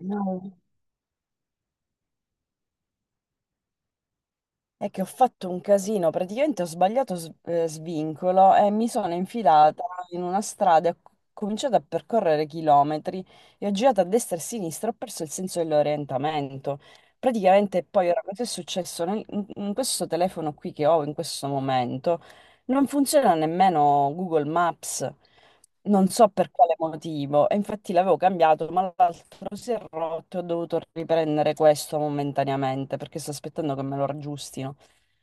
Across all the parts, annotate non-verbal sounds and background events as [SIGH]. No, è che ho fatto un casino, praticamente ho sbagliato svincolo e mi sono infilata in una strada, e ho cominciato a percorrere chilometri e ho girato a destra e a sinistra, ho perso il senso dell'orientamento. Praticamente poi ora cosa è successo in questo telefono qui che ho in questo momento? Non funziona nemmeno Google Maps, non so per quale motivo. E infatti l'avevo cambiato, ma l'altro si è rotto e ho dovuto riprendere questo momentaneamente perché sto aspettando che me lo raggiustino.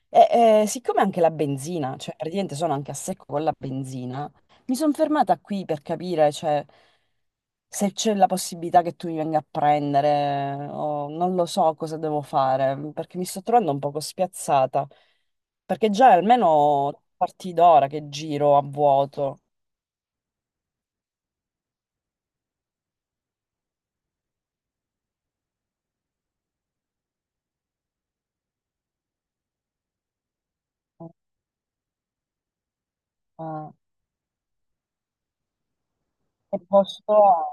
Siccome anche la benzina, cioè praticamente sono anche a secco con la benzina, mi sono fermata qui per capire, cioè, se c'è la possibilità che tu mi venga a prendere, o non lo so cosa devo fare, perché mi sto trovando un poco spiazzata, perché già è almeno tre quarti d'ora che giro a vuoto. Ma che posto è?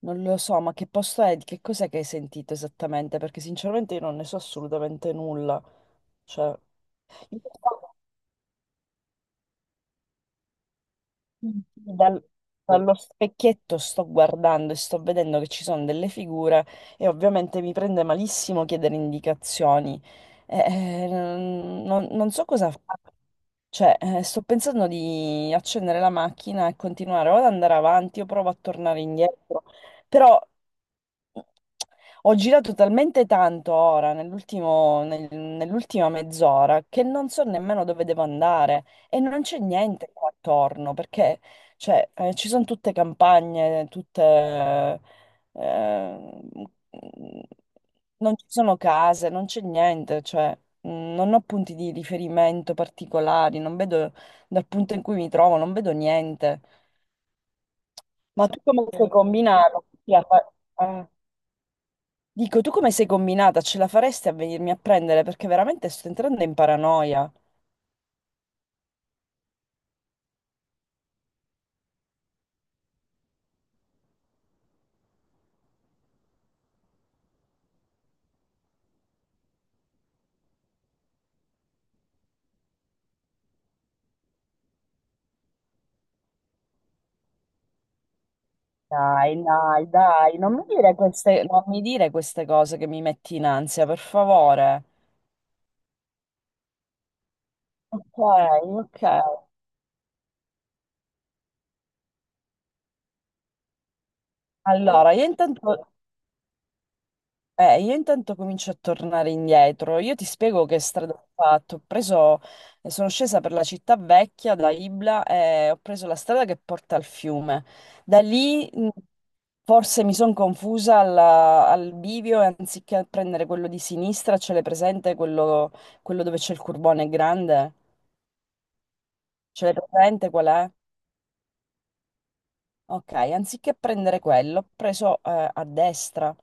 Non lo so, ma che posto è? Di Che cos'è che hai sentito esattamente? Perché sinceramente io non ne so assolutamente nulla. Cioè, sì, dallo specchietto sto guardando e sto vedendo che ci sono delle figure e ovviamente mi prende malissimo chiedere indicazioni. Non so cosa fare. Cioè, sto pensando di accendere la macchina e continuare o ad andare avanti o provo a tornare indietro. Però ho girato talmente tanto ora, nell'ultima mezz'ora, che non so nemmeno dove devo andare e non c'è niente qua attorno, perché cioè, ci sono tutte campagne, eh, non ci sono case, non c'è niente, cioè, non ho punti di riferimento particolari, non vedo dal punto in cui mi trovo, non vedo niente. Ma tu come stai combinando? Dico, tu come sei combinata? Ce la faresti a venirmi a prendere? Perché veramente sto entrando in paranoia. Dai, dai, dai, non mi dire queste, non mi dire queste cose che mi metti in ansia, per favore. Ok, ok. Allora, io intanto comincio a tornare indietro. Io ti spiego che strada ho fatto. Ho preso, sono scesa per la città vecchia da Ibla e ho preso la strada che porta al fiume. Da lì forse mi sono confusa al bivio e anziché prendere quello di sinistra, ce l'hai presente quello, quello dove c'è il curbone grande? Ce l'hai presente qual è? Ok, anziché prendere quello, ho preso a destra.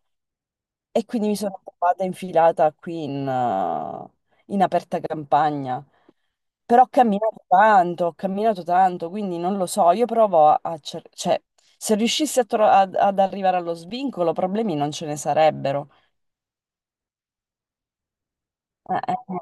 E quindi mi sono trovata infilata qui in aperta campagna. Però ho camminato tanto, quindi non lo so, io provo a cioè, se riuscissi a ad arrivare allo svincolo, problemi non ce ne sarebbero. Eh, eh, eh.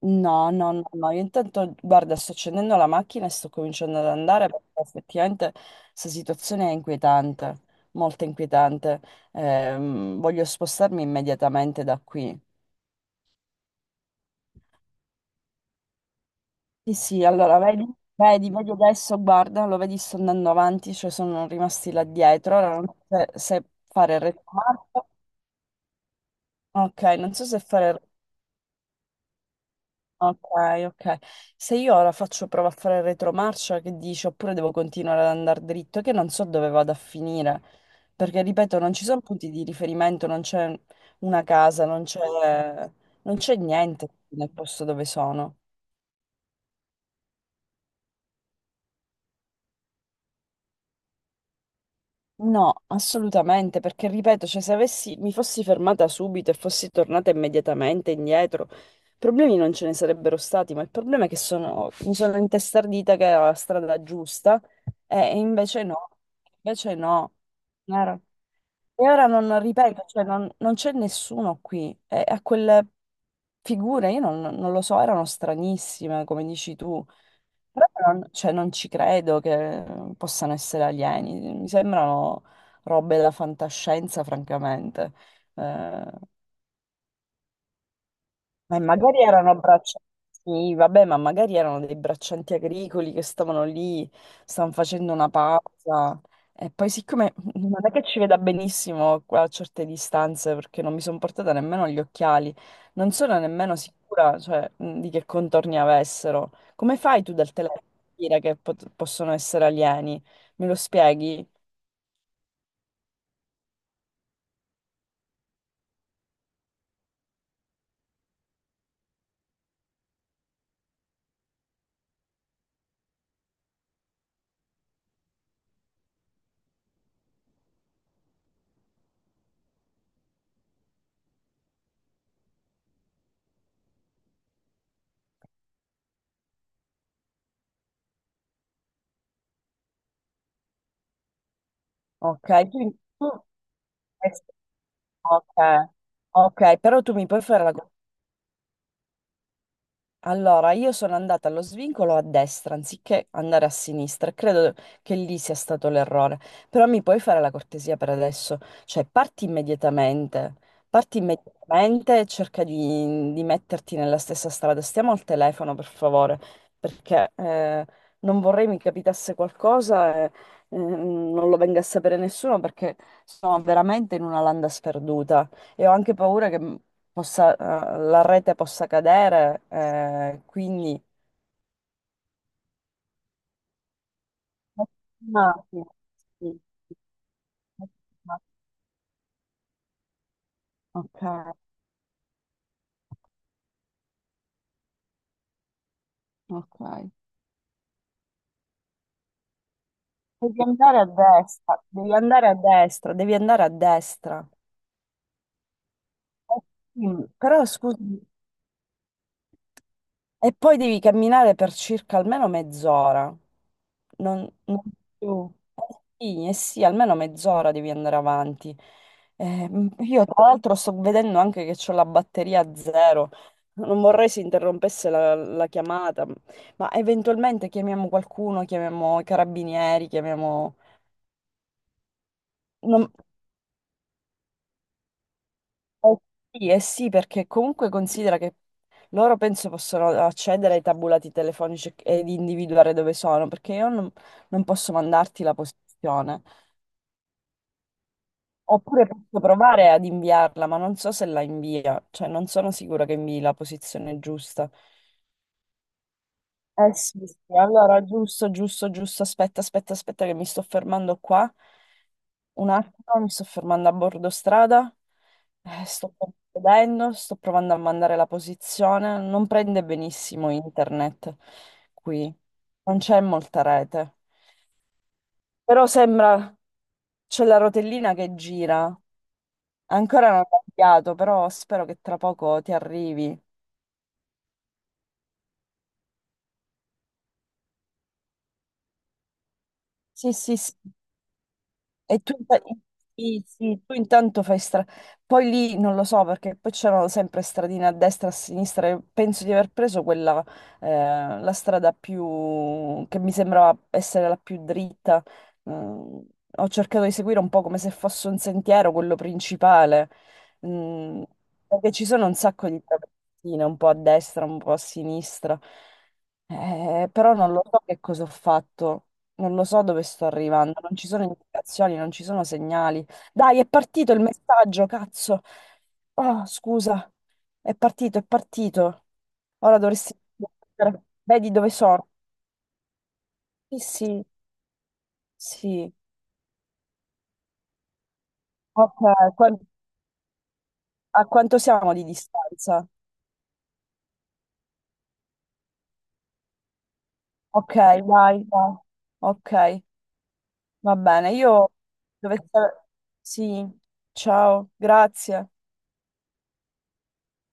No, no, no, no, io intanto, guarda, sto accendendo la macchina e sto cominciando ad andare perché effettivamente questa situazione è inquietante, molto inquietante. Voglio spostarmi immediatamente da qui. Sì, sì, allora vedi, vedi, vedi adesso, guarda, lo vedi, sto andando avanti, cioè sono rimasti là dietro, ora non so se, se fare il retromarcia, ok, non so se fare, ok, ok, se io ora faccio prova a fare il retromarcia, che dici, oppure devo continuare ad andare dritto, che non so dove vado a finire, perché ripeto, non ci sono punti di riferimento, non c'è una casa, non c'è niente nel posto dove sono. No, assolutamente, perché ripeto, cioè, se avessi, mi fossi fermata subito e fossi tornata immediatamente indietro, problemi non ce ne sarebbero stati, ma il problema è che sono, mi sono intestardita che era la strada giusta e invece no, invece no. Chiaro. E ora non ripeto, cioè, non c'è nessuno qui, e a quelle figure, io non lo so, erano stranissime, come dici tu. Però non, cioè, non ci credo che possano essere alieni, mi sembrano robe da fantascienza, francamente. Eh, ma magari erano braccianti, sì, vabbè, ma magari erano dei braccianti agricoli che stavano lì, stavano facendo una pausa. E poi, siccome [LAUGHS] non è che ci veda benissimo qua a certe distanze, perché non mi sono portata nemmeno gli occhiali, non sono nemmeno sicura, cioè, di che contorni avessero. Come fai tu dal telefono a dire che possono essere alieni? Me lo spieghi? Ok, quindi tu... Ok, ok, però tu mi puoi fare la Allora, io sono andata allo svincolo a destra anziché andare a sinistra. Credo che lì sia stato l'errore. Però mi puoi fare la cortesia per adesso? Cioè, parti immediatamente. Parti immediatamente e cerca di metterti nella stessa strada. Stiamo al telefono, per favore, perché non vorrei mi capitasse qualcosa e non lo venga a sapere nessuno perché sono veramente in una landa sperduta e ho anche paura che la rete possa cadere, quindi... Ah, sì, sì, sì. Ok, ok. Devi andare a destra, devi andare a destra, devi andare a destra. Eh, Sì, però scusa. E poi devi camminare per circa almeno mezz'ora. Non, non più. Eh, sì, eh sì, almeno mezz'ora devi andare avanti. Io tra l'altro sto vedendo anche che ho la batteria a zero. Non vorrei si interrompesse la chiamata, ma eventualmente chiamiamo qualcuno, chiamiamo i carabinieri, chiamiamo... non- Eh sì, eh sì, perché comunque considera che loro penso possono accedere ai tabulati telefonici ed individuare dove sono, perché io non posso mandarti la posizione. Oppure posso provare ad inviarla, ma non so se la invia, cioè non sono sicura che invii la posizione giusta. Eh sì, sì, allora giusto, giusto, giusto, aspetta, aspetta, aspetta che mi sto fermando qua. Un attimo, mi sto fermando a bordo strada, sto vedendo, sto provando a mandare la posizione, non prende benissimo internet qui, non c'è molta rete, però sembra c'è la rotellina che gira, ancora non ho cambiato, però spero che tra poco ti arrivi. Sì, sì, sì. E tu, sì, sì, tu intanto fai strada. Poi lì non lo so perché poi c'erano sempre stradine a destra e a sinistra. Penso di aver preso quella, la strada più che mi sembrava essere la più dritta. Mm, ho cercato di seguire un po' come se fosse un sentiero, quello principale. Mm, perché ci sono un sacco di travertine, un po' a destra, un po' a sinistra. Però non lo so che cosa ho fatto. Non lo so dove sto arrivando, non ci sono indicazioni, non ci sono segnali. Dai, è partito il messaggio, cazzo. Oh, scusa, è partito, è partito. Ora dovresti... Vedi dove sono? Sì, sì, sì. Ok, qua- a quanto siamo di distanza? Ok, dai, dai. Ok, va bene. Io dove... Sì, ciao, grazie.